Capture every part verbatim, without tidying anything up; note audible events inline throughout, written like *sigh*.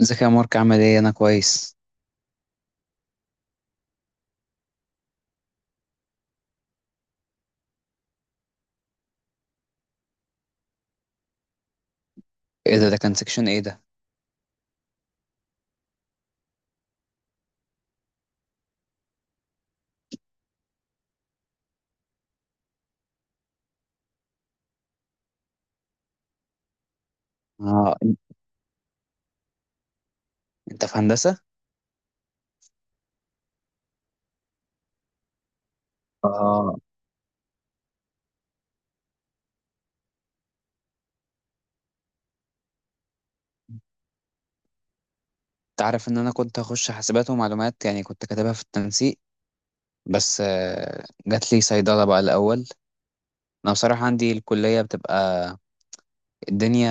ازيك يا مارك، عامل ايه؟ انا كويس. ايه ده؟ ده كان سكشن ايه ده؟ اه. انت في هندسه؟ اه. انت عارف ان انا كنت هخش حاسبات ومعلومات، يعني كنت كاتبها في التنسيق. بس آه، جات لي صيدله بقى الاول. انا بصراحه عندي الكليه بتبقى الدنيا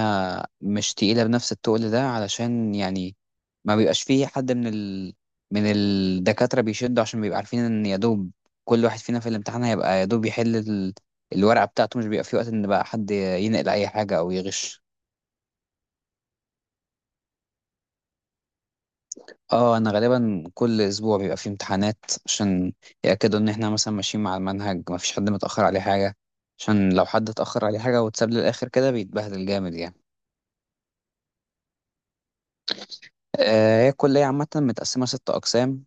مش تقيلة بنفس التقل ده، علشان يعني ما بيبقاش فيه حد من ال... من الدكاترة بيشدوا، عشان بيبقى عارفين ان يا دوب كل واحد فينا في الامتحان هيبقى يا دوب يحل ال... الورقة بتاعته، مش بيبقى فيه وقت ان بقى حد ينقل اي حاجة او يغش. اه، انا غالبا كل اسبوع بيبقى فيه امتحانات، عشان يأكدوا ان احنا مثلا ماشيين مع المنهج، ما فيش حد متأخر عليه حاجة. عشان لو حد اتأخر عليه حاجة واتساب للآخر كده بيتبهدل جامد يعني. آه، هي الكلية عامة متقسمة ست أقسام.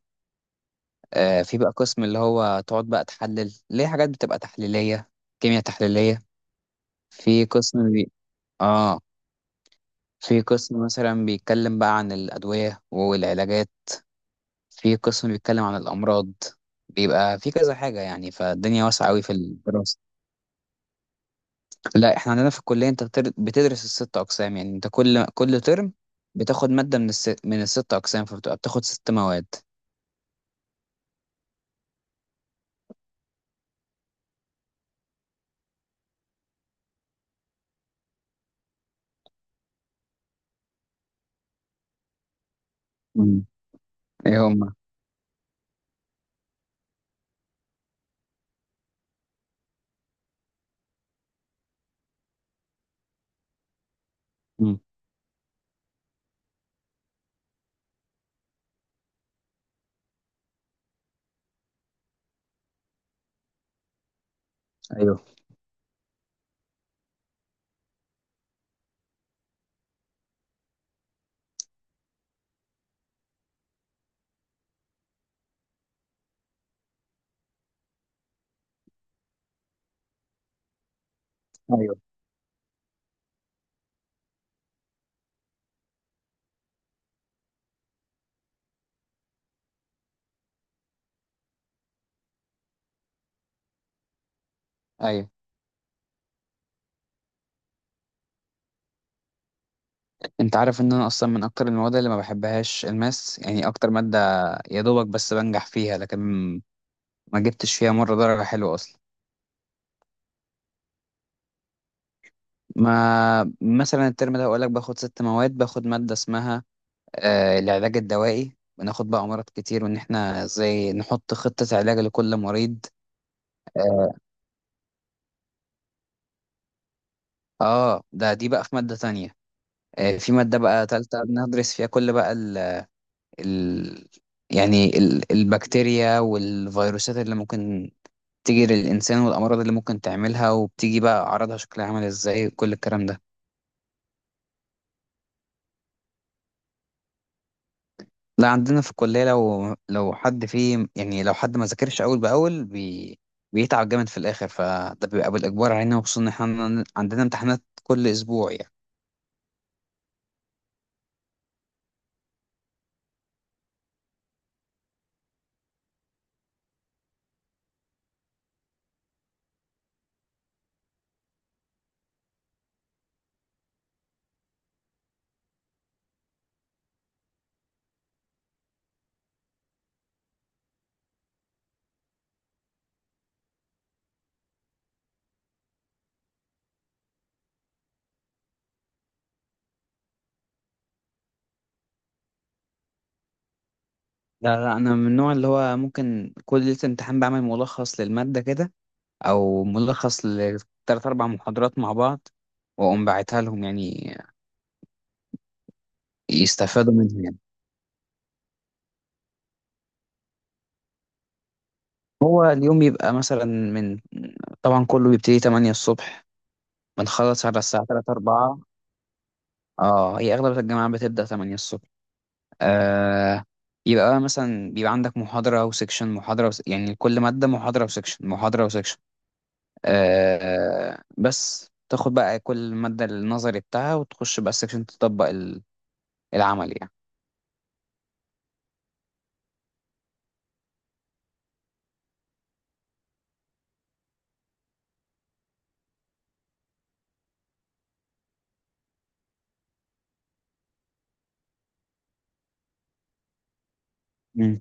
آه، في بقى قسم اللي هو تقعد بقى تحلل ليه حاجات بتبقى تحليلية، كيمياء تحليلية. في قسم بي... اه. في قسم مثلا بيتكلم بقى عن الأدوية والعلاجات. في قسم بيتكلم عن الأمراض. بيبقى في كذا حاجة يعني، فالدنيا واسعة أوي في الدراسة. لا، احنا عندنا في الكلية انت بتر- بتدرس الست أقسام، يعني انت كل كل ترم بتاخد مادة من الس... من الست أقسام، فبتبقى بتاخد ست مواد. مم. ايه هما؟ مم. ايوه، ايوه، ايوه. انت عارف ان انا اصلا من اكتر المواد اللي ما بحبهاش الماس، يعني اكتر ماده يا دوبك بس بنجح فيها، لكن ما جبتش فيها مره درجه حلوه اصلا. ما مثلا الترم ده اقول لك باخد ست مواد، باخد ماده اسمها آه العلاج الدوائي، بناخد بقى امراض كتير وان احنا ازاي نحط خطه علاج لكل مريض. اه. آه، ده دي بقى في مادة تانية. آه، في مادة بقى تالتة بندرس فيها كل بقى ال ال يعني ال البكتيريا والفيروسات اللي ممكن بتيجي للإنسان، والأمراض اللي ممكن تعملها، وبتيجي بقى أعراضها شكلها عامل إزاي، كل الكلام ده. لا، عندنا في الكلية لو لو حد فيه، يعني لو حد ما ذاكرش أول بأول بي بيتعب جامد في الآخر، فده بيبقى بالإجبار علينا، وخصوصا إن إحنا عندنا امتحانات كل أسبوع يعني. لا، لا، أنا من النوع اللي هو ممكن كل ليلة امتحان بعمل ملخص للمادة كده، أو ملخص لتلات أربع محاضرات مع بعض، وأقوم باعتها لهم يعني يستفادوا منها يعني. هو اليوم يبقى مثلا من طبعا كله بيبتدي تمانية الصبح، بنخلص على الساعة الثالثة اربعة. اه، هي أغلب الجامعات بتبدأ تمانية الصبح. آه. يبقى بقى مثلا بيبقى عندك محاضرة وسكشن، محاضرة وس... يعني كل مادة محاضرة وسكشن، محاضرة وسكشن. آه بس تاخد بقى كل مادة النظري بتاعها وتخش بقى السكشن تطبق ال- العمل يعني. مم.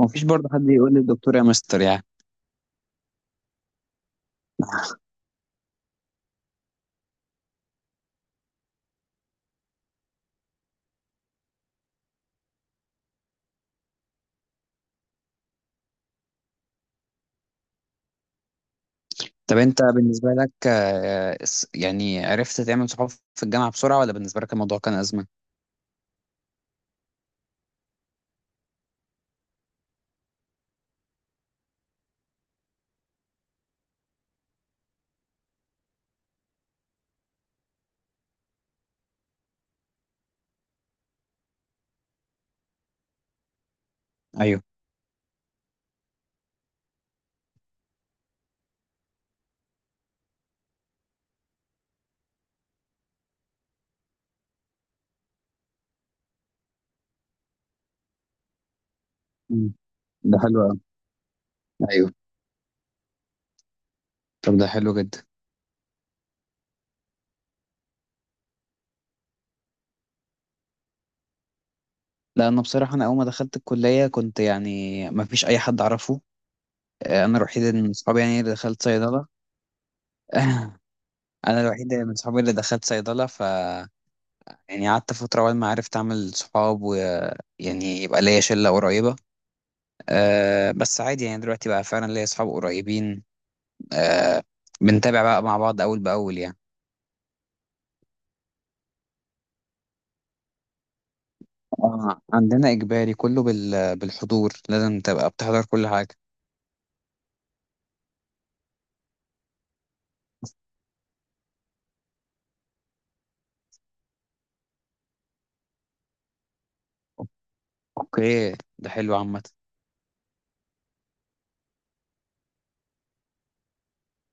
مفيش برضه حد يقول للدكتور يا مستر يعني. طب انت بالنسبة لك، آه، الس- يعني عرفت تعمل صحاب في الجامعة بسرعة، ولا بالنسبة لك الموضوع كان أزمة؟ ايوه. مم. ده حلو أوي. ايوه. طب ده حلو جدا. لا، انا بصراحة انا اول ما دخلت الكلية كنت يعني ما فيش اي حد اعرفه. آه، انا الوحيد من صحابي يعني اللي دخلت صيدلة. *laughs* انا الوحيد من صحابي اللي دخلت صيدلة ف يعني قعدت فترة أول ما عرفت أعمل صحاب ويعني يبقى ليا شلة قريبة. أه، بس عادي يعني دلوقتي بقى فعلا ليا صحاب قريبين. آه، بنتابع بقى مع بعض أول بأول يعني. آه، عندنا إجباري كله بال... بالحضور، لازم تبقى بتحضر كل حاجة. أوكي. ده حلو عامة.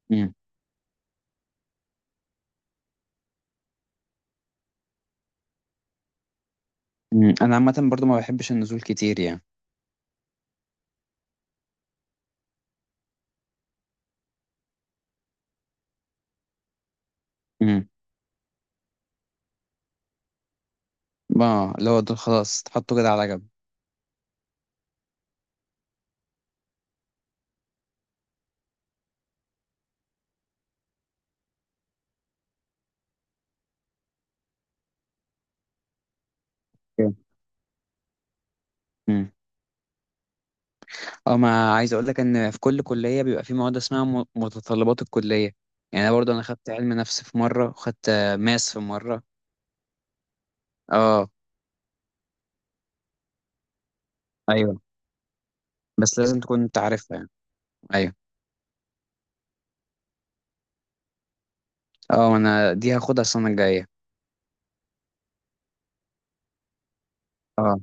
مم. مم. أنا عامة برضو ما بحبش النزول كتير يعني. مم. اه، اللي هو دول خلاص تحطه كده على جنب. أوكي. مم. اه، ما عايز أقول لك إن في كل كلية بيبقى في مواد اسمها م- متطلبات الكلية، يعني أنا برضو أنا خدت علم نفس في مرة، وخدت آه، ماس في مرة. اه. ايوه. بس لازم تكون انت عارفها يعني. ايوه. اه، انا دي هاخدها السنه الجايه. اه،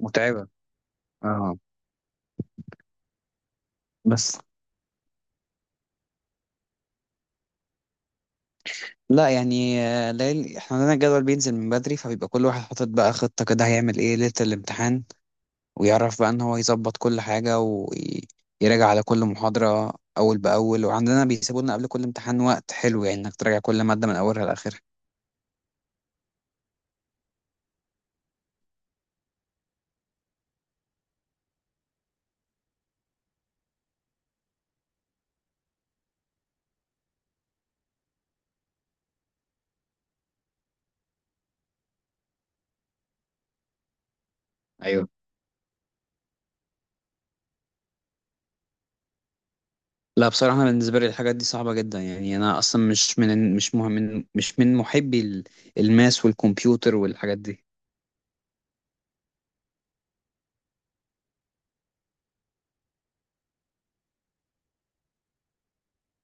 متعبة. اه. بس لا يعني، آه، ليل احنا عندنا الجدول بينزل من بدري، فبيبقى كل واحد حاطط بقى خطة كده هيعمل ايه ليلة الامتحان، ويعرف بقى ان هو يظبط كل حاجة، ويراجع على كل محاضرة أول بأول، وعندنا بيسيبوا لنا قبل كل امتحان وقت حلو يعني انك تراجع كل مادة من أولها لآخرها. ايوه. لا، بصراحة أنا بالنسبة لي الحاجات دي صعبة جدا، يعني أنا أصلا مش من، مش مهم، من مش من محبي ال- الماس والكمبيوتر والحاجات دي.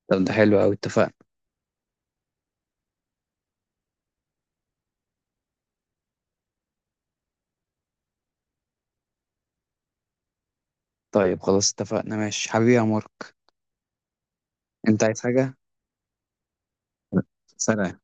طب ده حلو أوي، اتفقنا. طيب خلاص اتفقنا، ماشي حبيبي يا عمر. انت عايز حاجة؟ سلام.